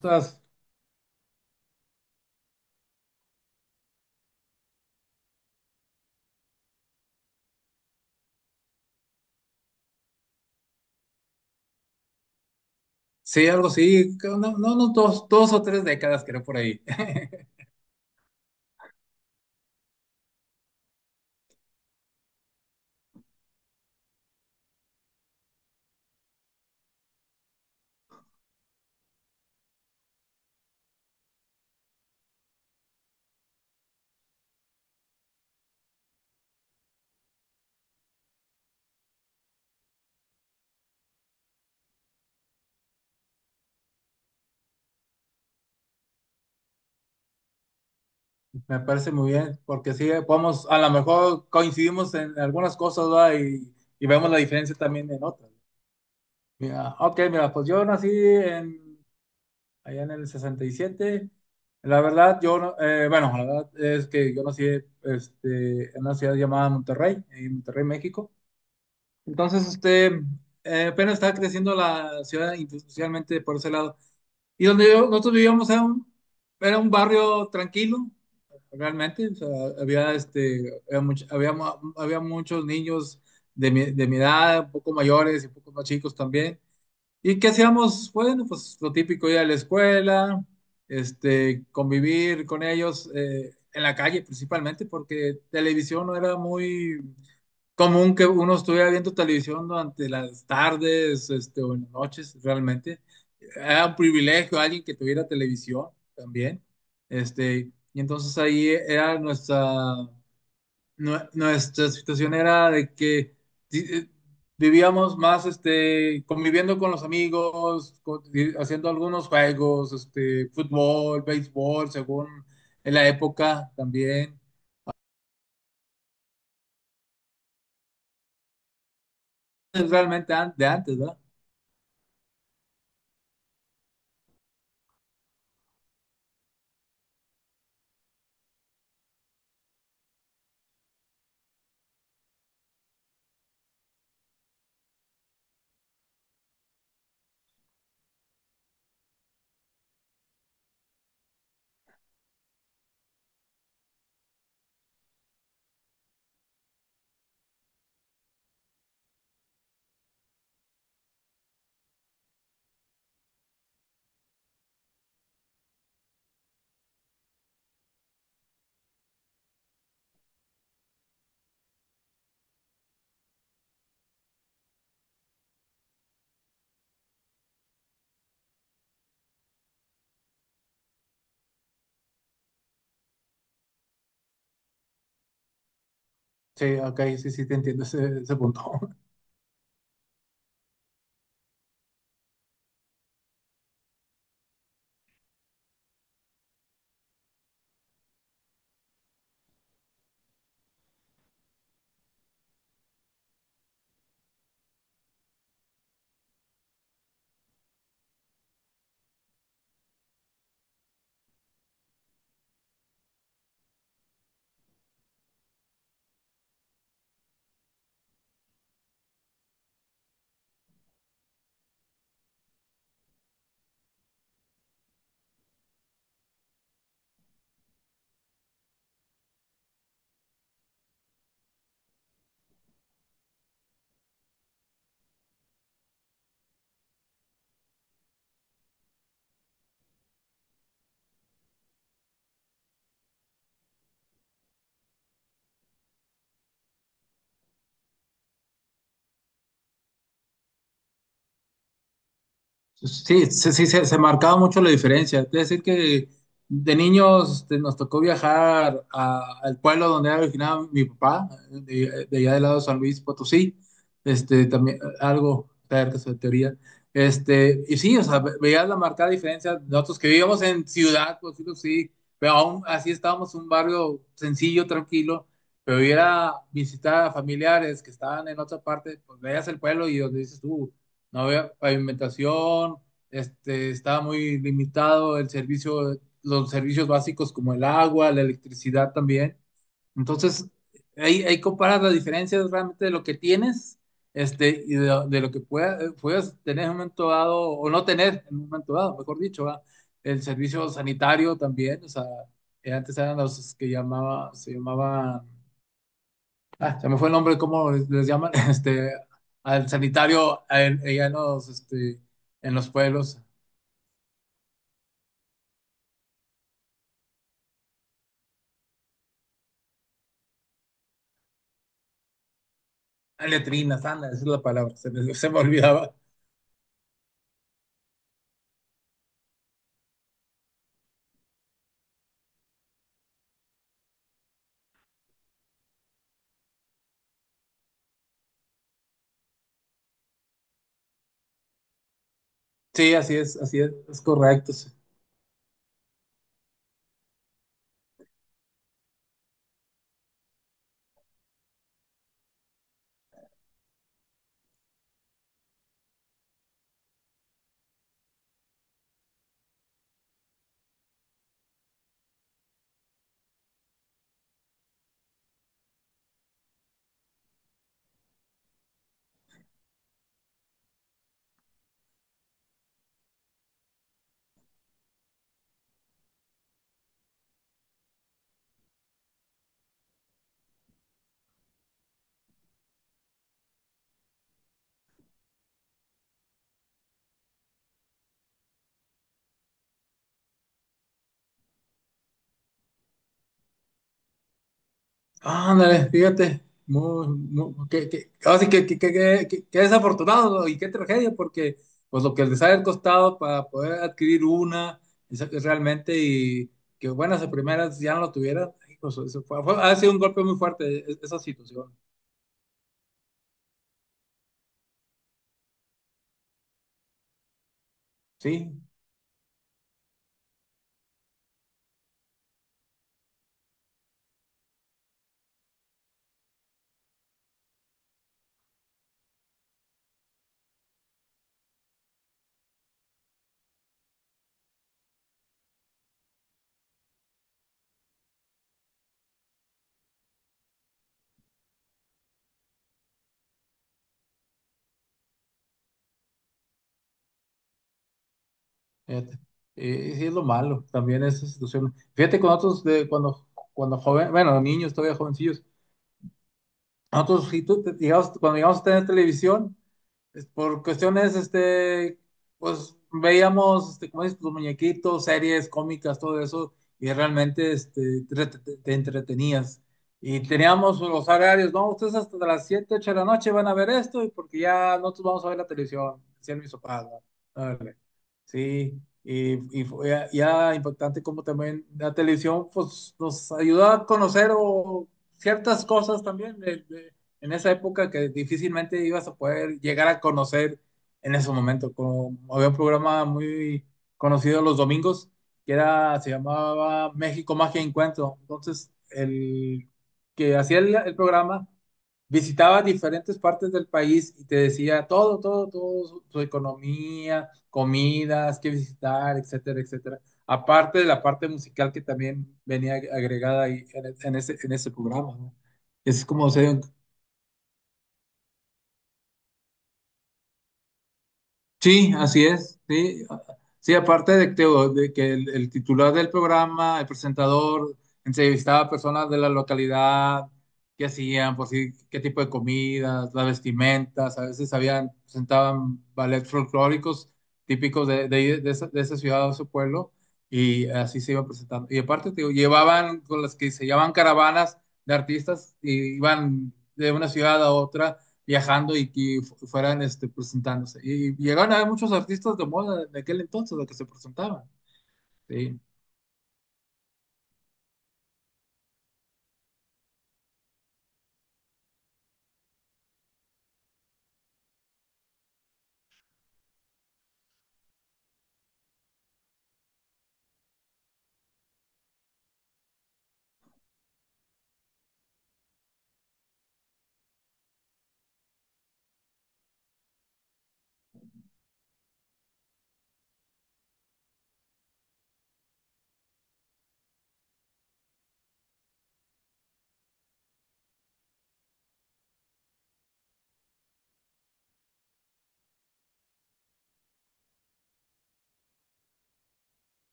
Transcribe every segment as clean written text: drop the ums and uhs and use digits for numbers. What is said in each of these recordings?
Todas- sí, algo así, creo, no, dos o tres décadas creo por ahí. Me parece muy bien, porque sí, vamos, a lo mejor coincidimos en algunas cosas, ¿verdad? Y vemos la diferencia también en otras. Mira, ok, mira, pues allá en el 67. La verdad, yo, no- bueno, La verdad es que yo nací en una ciudad llamada Monterrey, en Monterrey, México. Entonces, este, Apenas estaba creciendo la ciudad institucionalmente por ese lado. Nosotros vivíamos era era un barrio tranquilo, realmente. O sea, había, este, había, much- había, mu- había muchos niños de mi edad, un poco mayores y un poco más chicos también. ¿Y qué hacíamos? Bueno, pues lo típico, ir a la escuela, convivir con ellos en la calle principalmente, porque televisión no era muy común que uno estuviera viendo televisión durante las tardes, o en las noches, realmente. Era un privilegio alguien que tuviera televisión también. Y entonces ahí era nuestra situación era de que di- eh, vivíamos más, conviviendo con los amigos, haciendo algunos juegos, fútbol, béisbol, según en la época también. Es realmente de antes, ¿verdad? Sí, ok, sí, sí, te entiendo ese punto. Sí, sí, sí, se marcaba mucho la diferencia. Es decir, que de niños, nos tocó viajar al pueblo donde era originado mi papá, de allá del lado de San Luis Potosí, este, también algo cerca de teoría. Y sí, o sea, veías la marcada diferencia. Nosotros que vivíamos en ciudad, por decirlo así, pero aún así estábamos en un barrio sencillo, tranquilo. Pero ir a visitar a familiares que estaban en otra parte, pues veías el pueblo y donde dices tú no había pavimentación, estaba muy limitado el servicio, los servicios básicos como el agua, la electricidad también. Entonces, ahí comparas las diferencias realmente de lo que tienes, de lo que puedas tener en un momento dado, o no tener en un momento dado, mejor dicho, ¿verdad? El servicio sanitario también, o sea, antes eran los que llamaba, se llamaban... Ah, se me fue el nombre, ¿cómo les llaman? Al sanitario, allá en los, en los pueblos. A letrinas, anda, esa es la palabra, se me olvidaba. Sí, así es correcto. Sí. Ándale, fíjate. Muy, muy, ahora sí que, que desafortunado, ¿no? Y qué tragedia, porque pues lo que les ha costado para poder adquirir una, esa que es realmente, y que buenas a primeras ya no lo tuvieran, hijo, eso ha sido un golpe muy fuerte esa situación. Sí, fíjate. Y sí es lo malo, también esa situación. Fíjate con otros de cuando, cuando joven, bueno, niños todavía jovencillos, nosotros sí, cuando llegamos a tener televisión, por cuestiones, pues veíamos, como dices, los muñequitos, series cómicas, todo eso, y realmente, te entretenías. Y teníamos los horarios, no, ustedes hasta las 7 8 de la noche van a ver esto, y porque ya nosotros vamos a ver la televisión, decían mis papás, ¿no? Órale. Y fue ya, ya impactante como también la televisión, pues nos ayudó a conocer o ciertas cosas también. En esa época que difícilmente ibas a poder llegar a conocer en ese momento. Como había un programa muy conocido los domingos se llamaba México Magia y Encuentro. Entonces, el que hacía el programa visitaba diferentes partes del país y te decía todo, su economía, comidas, qué visitar, etcétera, etcétera. Aparte de la parte musical que también venía agregada ahí en ese programa, ¿no? Es como se, Sí, así es. Sí, sí aparte de que el titular del programa, el presentador, entrevistaba a personas de la localidad, qué hacían, por si qué tipo de comidas, las vestimentas. A veces habían, presentaban ballets folclóricos típicos de esa ciudad o ese pueblo, y así se iba presentando. Y aparte, te digo, llevaban con las que se llamaban caravanas de artistas, y iban de una ciudad a otra viajando y que fueran, presentándose. Y llegaron a haber muchos artistas de moda de aquel entonces, los que se presentaban. Sí,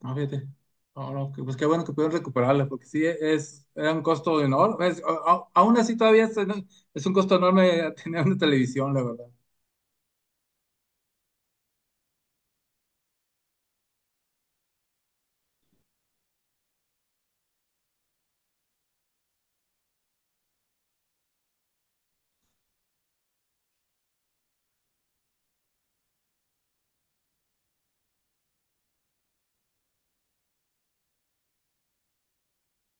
no, fíjate. No, no, que- pues qué bueno que pudieron recuperarla, porque sí es, era un costo enorme. Aún así todavía es, ¿no? Es un costo enorme tener una televisión, la verdad.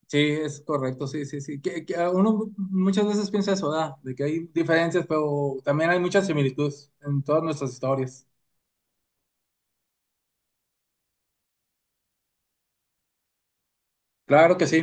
Sí, es correcto, sí, sí, sí. Que uno muchas veces piensa eso, ¿verdad? De que hay diferencias, pero también hay muchas similitudes en todas nuestras historias. Claro que sí.